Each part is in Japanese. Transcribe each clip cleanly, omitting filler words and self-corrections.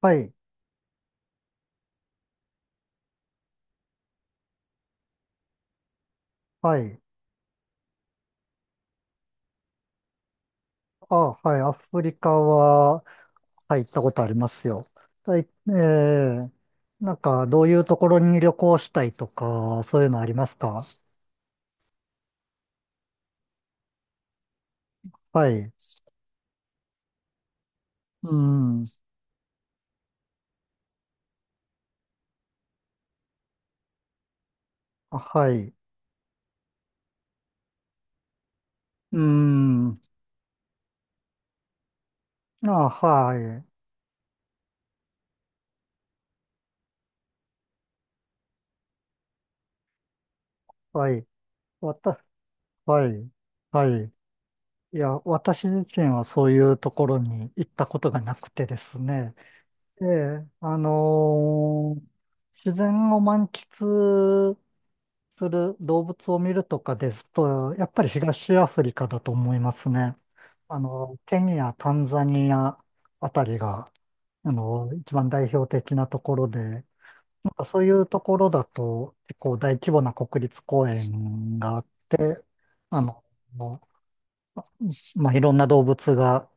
はい、はい。あ、はい、アフリカは、はい、行ったことありますよ。はい、なんか、どういうところに旅行したいとか、そういうのありますか？はい。うん。あ、はい。うん。あ、はい。はい。わた、はい。はい。いや、私自身はそういうところに行ったことがなくてですね。ええ、自然を満喫する動物を見るとかですと、やっぱり東アフリカだと思いますね。あの、ケニア、タンザニアあたりが、あの、一番代表的なところで、なんかそういうところだと、結構大規模な国立公園があって、あの、まあ、いろんな動物が、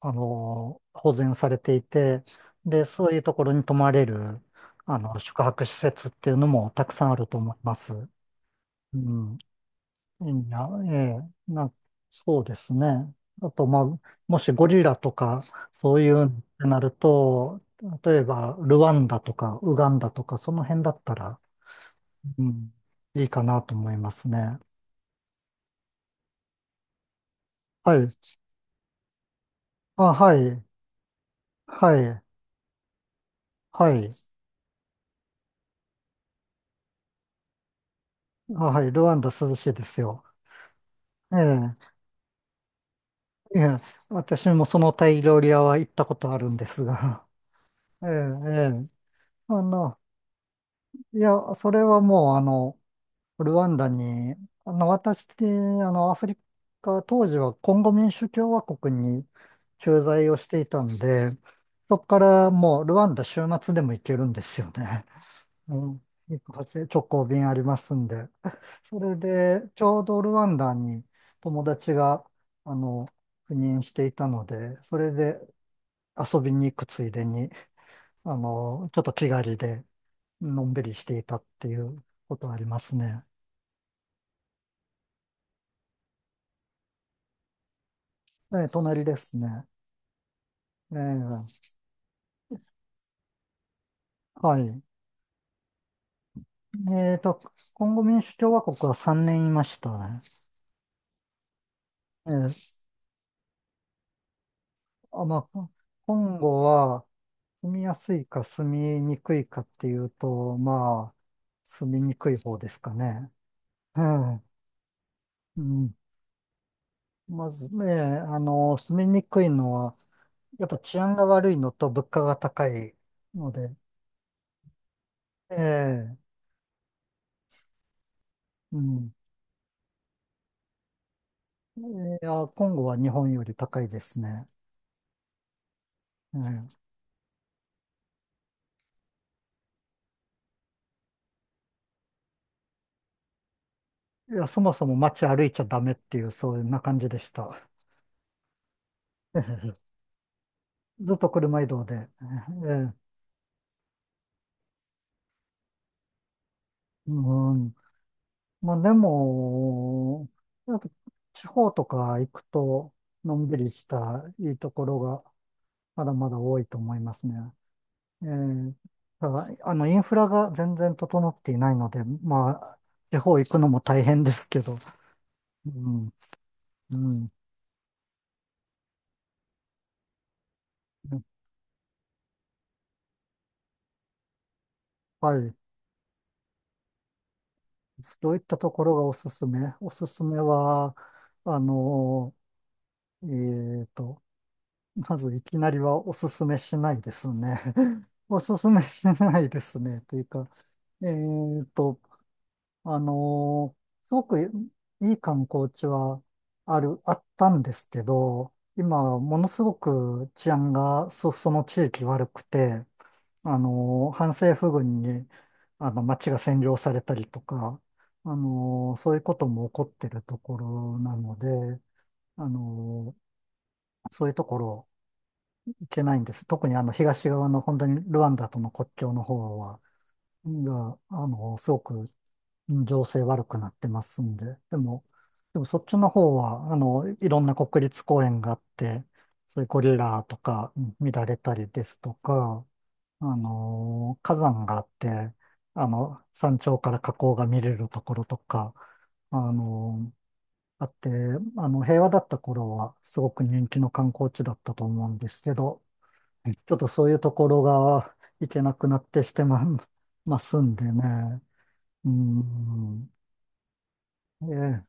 あの、保全されていて、で、そういうところに泊まれる、あの、宿泊施設っていうのもたくさんあると思います。うん。いや、ええ、そうですね。あと、まあ、もしゴリラとか、そういうのってなると、例えば、ルワンダとか、ウガンダとか、その辺だったら、うん、いいかなと思いますね。はい。あ、はい。はい。はい。あ、はい。ルワンダ涼しいですよ。ええ。ええ。私もそのタイ料理屋は行ったことあるんですが。ええ、ええ。あの、いや、それはもう、あの、ルワンダに、あの、私、あの、アフリカ、当時はコンゴ民主共和国に駐在をしていたんで、そこからもうルワンダ週末でも行けるんですよね。うん、直行便ありますんで。それで、ちょうどルワンダに友達が、あの、赴任していたので、それで遊びに行くついでに、あの、ちょっと気軽で、のんびりしていたっていうことありますね。ええ、隣ですね。ええ、はい。えっと、コンゴ民主共和国は3年いましたね。ええ、あ、まあ、コンゴは住みやすいか住みにくいかっていうと、まあ、住みにくい方ですかね。ええ、うん。まず、ええ、あの、住みにくいのは、やっぱ治安が悪いのと物価が高いので、ええ、うん。いや、コンゴは日本より高いですね。ええ、いや、そもそも街歩いちゃダメっていう、そういうな感じでした。ええ、ずっと車移動で。ええ、うん。まあでも、やっぱ地方とか行くと、のんびりしたいいところがまだまだ多いと思いますね。ええ、ただ、あの、インフラが全然整っていないので、まあ、地方行くのも大変ですけど、うん、うん。はい。どういったところがおすすめ、おすすめは、あの、えーと、まずいきなりはおすすめしないですね。おすすめしないですね。というか、えーと、あのーすごくいい観光地はあったんですけど、今、ものすごく治安がその地域悪くて、反政府軍に、あの、街が占領されたりとか、そういうことも起こってるところなので、あのーそういうところいけないんです。特にあの東側の本当にルワンダとの国境の方は、が、あの、すごく情勢悪くなってますんで。でも、でもそっちの方は、あの、いろんな国立公園があって、そういうゴリラとかうん見られたりですとか、あの、火山があって、あの、山頂から火口が見れるところとか、あの、あって、あの、平和だった頃はすごく人気の観光地だったと思うんですけど、ちょっとそういうところが行けなくなってしてま、ますんでね。うん。ええ、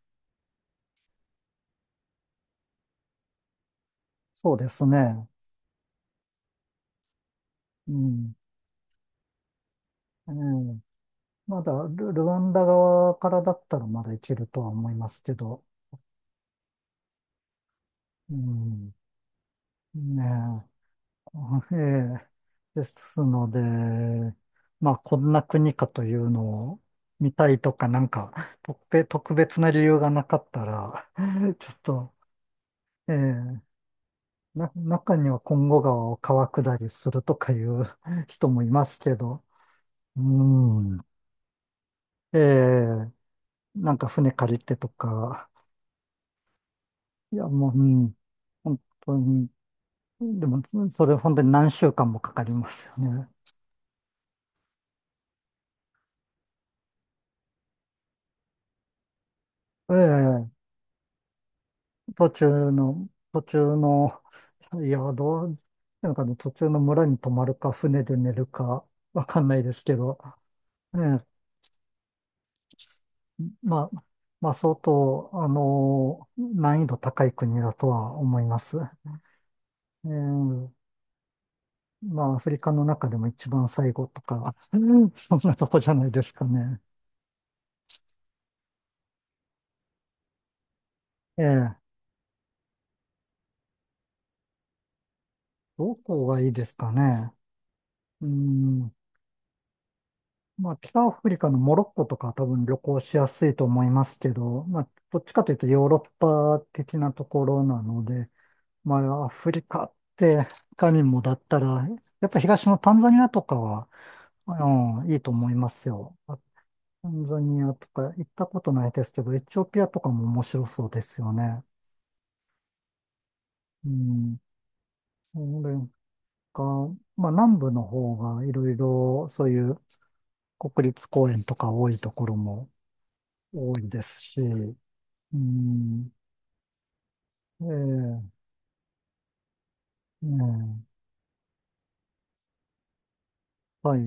そうですね。うん。ええ、まだル、ルワンダ側からだったらまだ行けるとは思いますけど。うん。ねえ。ええ。ですので、まあ、こんな国かというのを見たいとか、なんか、特別な理由がなかったら、ちょっと、ええ、中には今後川を川下りするとかいう 人もいますけど、うん。ええ、なんか船借りてとか、いや、もう、うん、本当に、でも、それ本当に何週間もかかりますよね。ええ、途中の、途中の、いや、どう、なんかね、途中の村に泊まるか、船で寝るか、わかんないですけど、ええ、まあ、まあ、相当、あの、難易度高い国だとは思います。えー、まあ、アフリカの中でも一番最後とか、うん、そんなとこじゃないですかね。ええ、どこがいいですかね。うん、まあ、北アフリカのモロッコとかは多分旅行しやすいと思いますけど、まあ、どっちかというとヨーロッパ的なところなので、まあ、アフリカって、他にもだったら、やっぱ東のタンザニアとかは、うん、いいと思いますよ。あ、タンザニアとか行ったことないですけど、エチオピアとかも面白そうですよね。うん。それか、まあ南部の方がいろいろそういう国立公園とか多いところも多いですし、うん。ええ、ねえ、はい。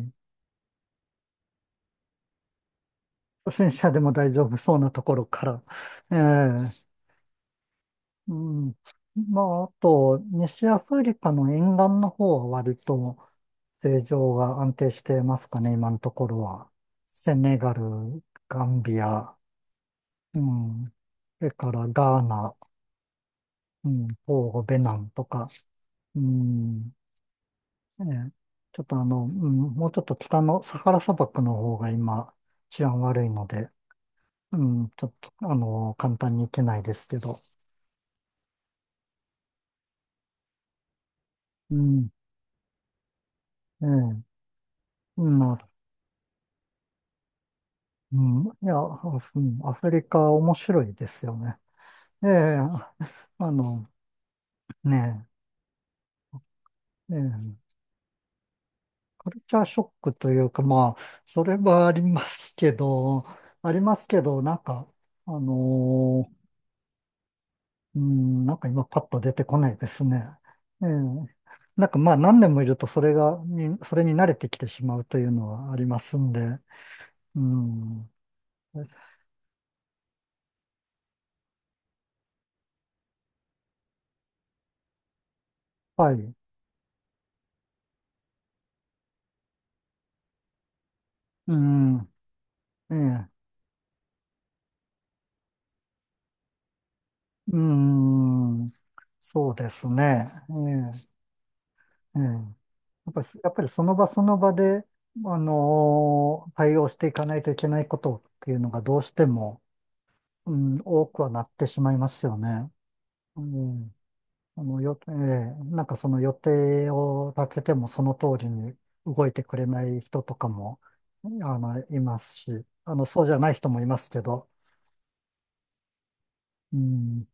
初心者でも大丈夫そうなところから。ええ、うん。まあ、あと、西アフリカの沿岸の方は割と、政情が安定してますかね、今のところは。セネガル、ガンビア、うん、それからガーナ、うん、トーゴ、ベナンとか、うん、ね、ちょっとあの、うん、もうちょっと北のサハラ砂漠の方が今治安悪いので、うん、ちょっとあの、簡単に行けないですけど、うん、ええ、まあ、うん、いや、あ、うん、アフリカ面白いですよね。ええ、あの、ねえ、ええ、カルチャーショックというか、まあ、それはありますけど、ありますけど、なんか、あのーうん、なんか今パッと出てこないですね。ええ、なんかまあ何年もいるとそれが、それに慣れてきてしまうというのはありますんで、うん、はい、うん、ええ、うん、そうですね。ええ、ええ、やっぱり、やっぱりその場その場で、対応していかないといけないことっていうのがどうしても、うん、多くはなってしまいますよね。うん、あのよ、ええ、なんかその予定を立ててもその通りに動いてくれない人とかも、あの、いますし、あの、そうじゃない人もいますけど、うん